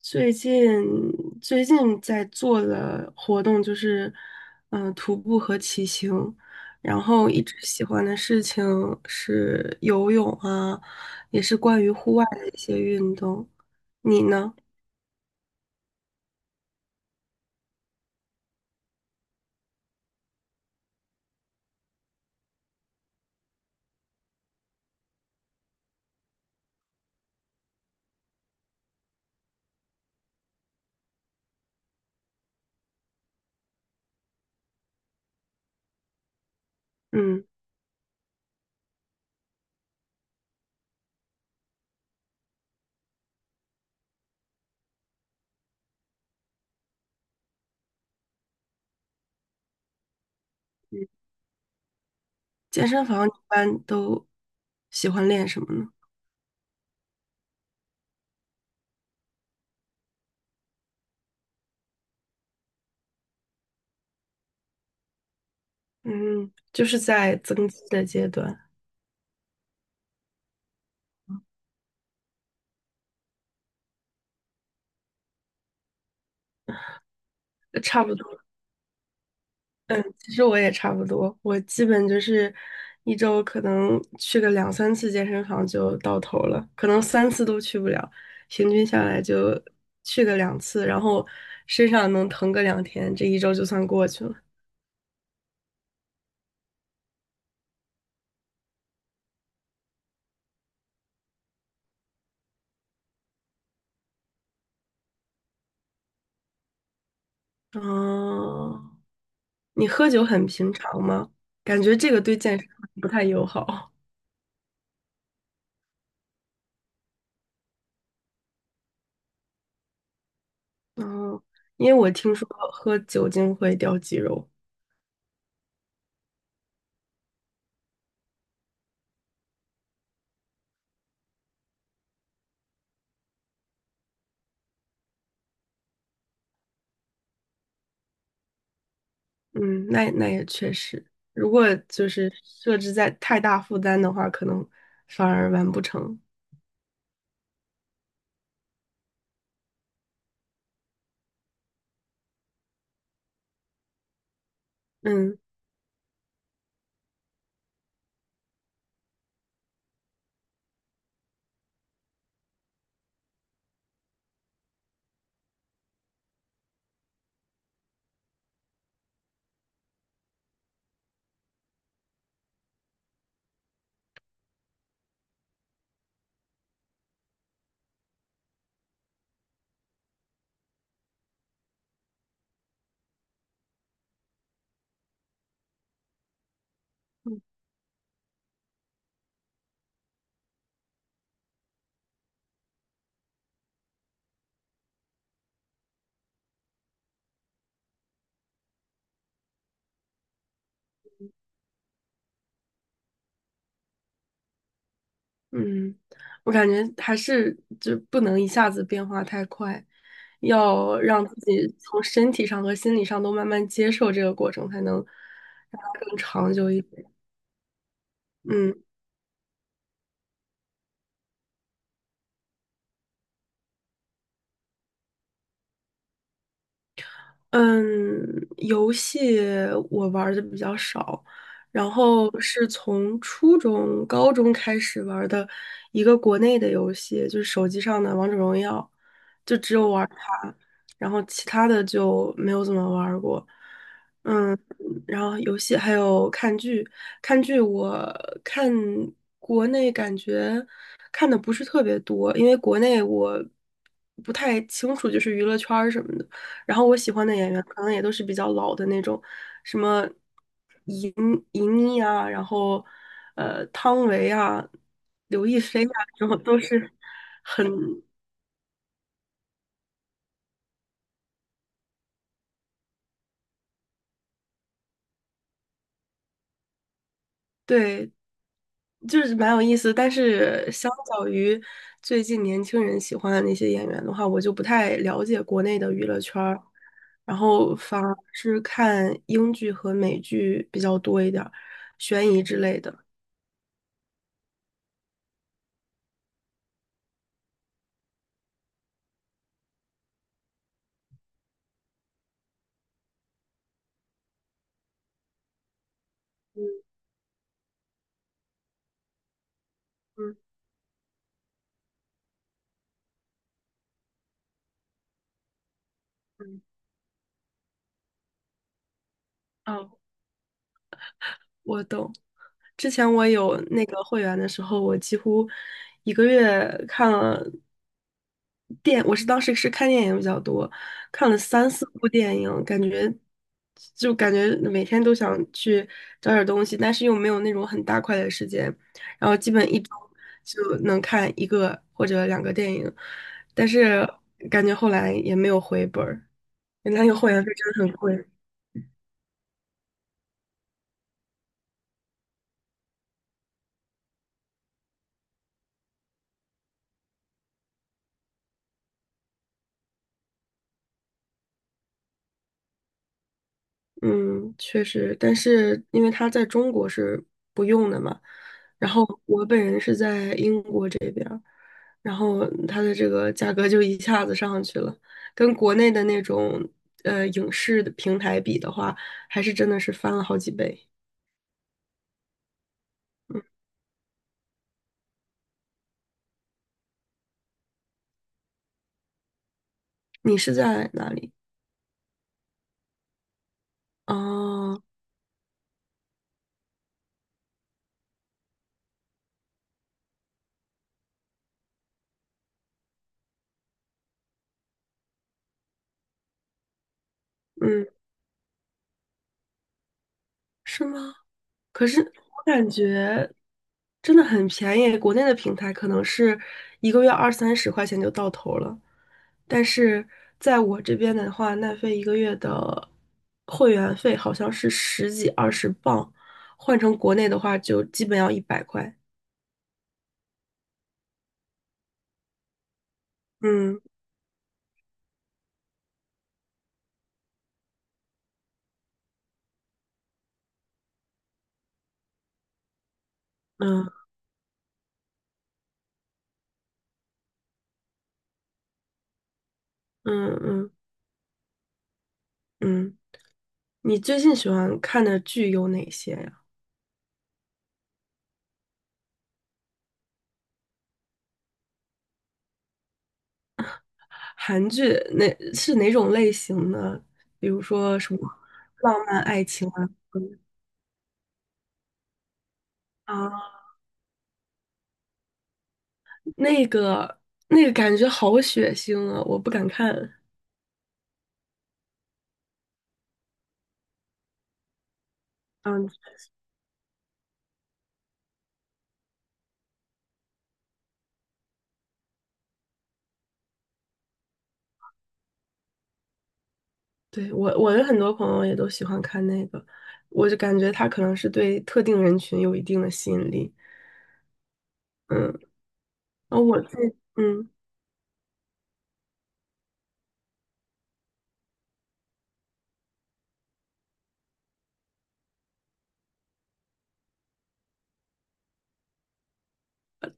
最近最近在做的活动就是，徒步和骑行，然后一直喜欢的事情是游泳啊，也是关于户外的一些运动。你呢？嗯，健身房一般都喜欢练什么呢？嗯，就是在增肌的阶段。差不多。其实我也差不多，我基本就是一周可能去个两三次健身房就到头了，可能三次都去不了，平均下来就去个两次，然后身上能疼个两天，这一周就算过去了。哦，你喝酒很平常吗？感觉这个对健身不太友好。嗯，因为我听说喝酒精会掉肌肉。嗯，那也确实，如果就是设置在太大负担的话，可能反而完不成。嗯嗯，我感觉还是就不能一下子变化太快，要让自己从身体上和心理上都慢慢接受这个过程，才能让它更长久一点。嗯。嗯，游戏我玩的比较少，然后是从初中、高中开始玩的一个国内的游戏，就是手机上的《王者荣耀》。就只有玩它，然后其他的就没有怎么玩儿过。嗯，然后游戏还有看剧，看剧我看国内感觉看的不是特别多，因为国内我不太清楚就是娱乐圈儿什么的。然后我喜欢的演员可能也都是比较老的那种，什么银银妮啊，然后汤唯啊、刘亦菲啊，这种都是很。对，就是蛮有意思，但是相较于最近年轻人喜欢的那些演员的话，我就不太了解国内的娱乐圈儿，然后反而是看英剧和美剧比较多一点儿，悬疑之类的。嗯嗯。哦。我懂。之前我有那个会员的时候，我几乎一个月看了电，当时是看电影比较多，看了三四部电影，就感觉每天都想去找点东西，但是又没有那种很大块的时间，然后基本一周就能看一个或者两个电影，但是感觉后来也没有回本儿，原来那个会员费真的很贵。嗯，确实，但是因为它在中国是不用的嘛，然后我本人是在英国这边儿，然后它的这个价格就一下子上去了，跟国内的那种影视的平台比的话，还是真的是翻了好几倍。你是在哪里？哦，嗯，是吗？可是我感觉真的很便宜，国内的平台可能是一个月二三十块钱就到头了，但是在我这边的话，奈飞一个月的会员费好像是十几二十磅，换成国内的话就基本要一百块。嗯嗯嗯嗯嗯，你最近喜欢看的剧有哪些呀？韩剧是哪种类型呢？比如说什么浪漫爱情啊？那个那个感觉好血腥啊，我不敢看。嗯，对，我的很多朋友也都喜欢看那个，我就感觉他可能是对特定人群有一定的吸引力。嗯，然后我自己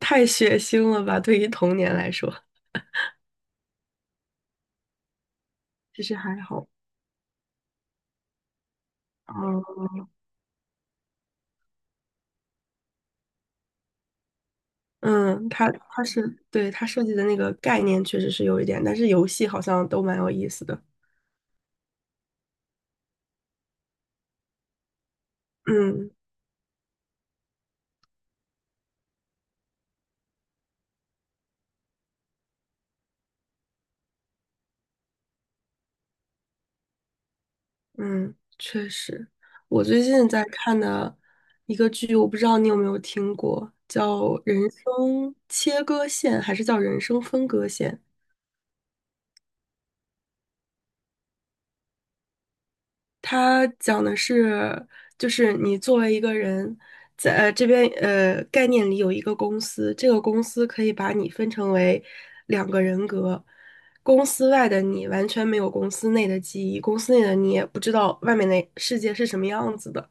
太血腥了吧，对于童年来说，其实还好。嗯嗯，他他是对他设计的那个概念确实是有一点，但是游戏好像都蛮有意思的。嗯。嗯，确实，我最近在看的一个剧，我不知道你有没有听过，叫《人生切割线》还是叫《人生分割线》？它讲的是，就是你作为一个人，在这边概念里有一个公司，这个公司可以把你分成为两个人格，公司外的你完全没有公司内的记忆，公司内的你也不知道外面的世界是什么样子的，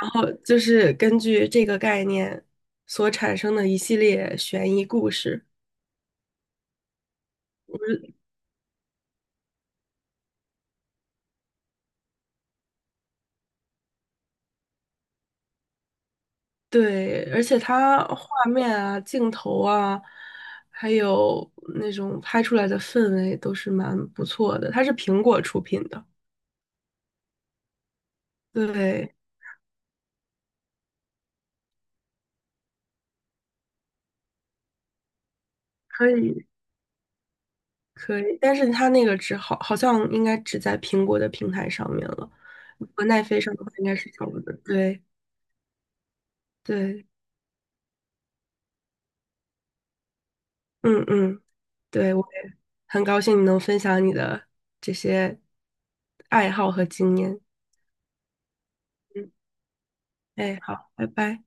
然后就是根据这个概念所产生的一系列悬疑故事。对，而且它画面啊、镜头啊，还有那种拍出来的氛围都是蛮不错的。它是苹果出品的，对，可以可以，但是它那个只好好像应该只在苹果的平台上面了，和奈飞上的话应该是找不到。对对，嗯嗯，对，我也很高兴你能分享你的这些爱好和经验。嗯，哎，好，拜拜。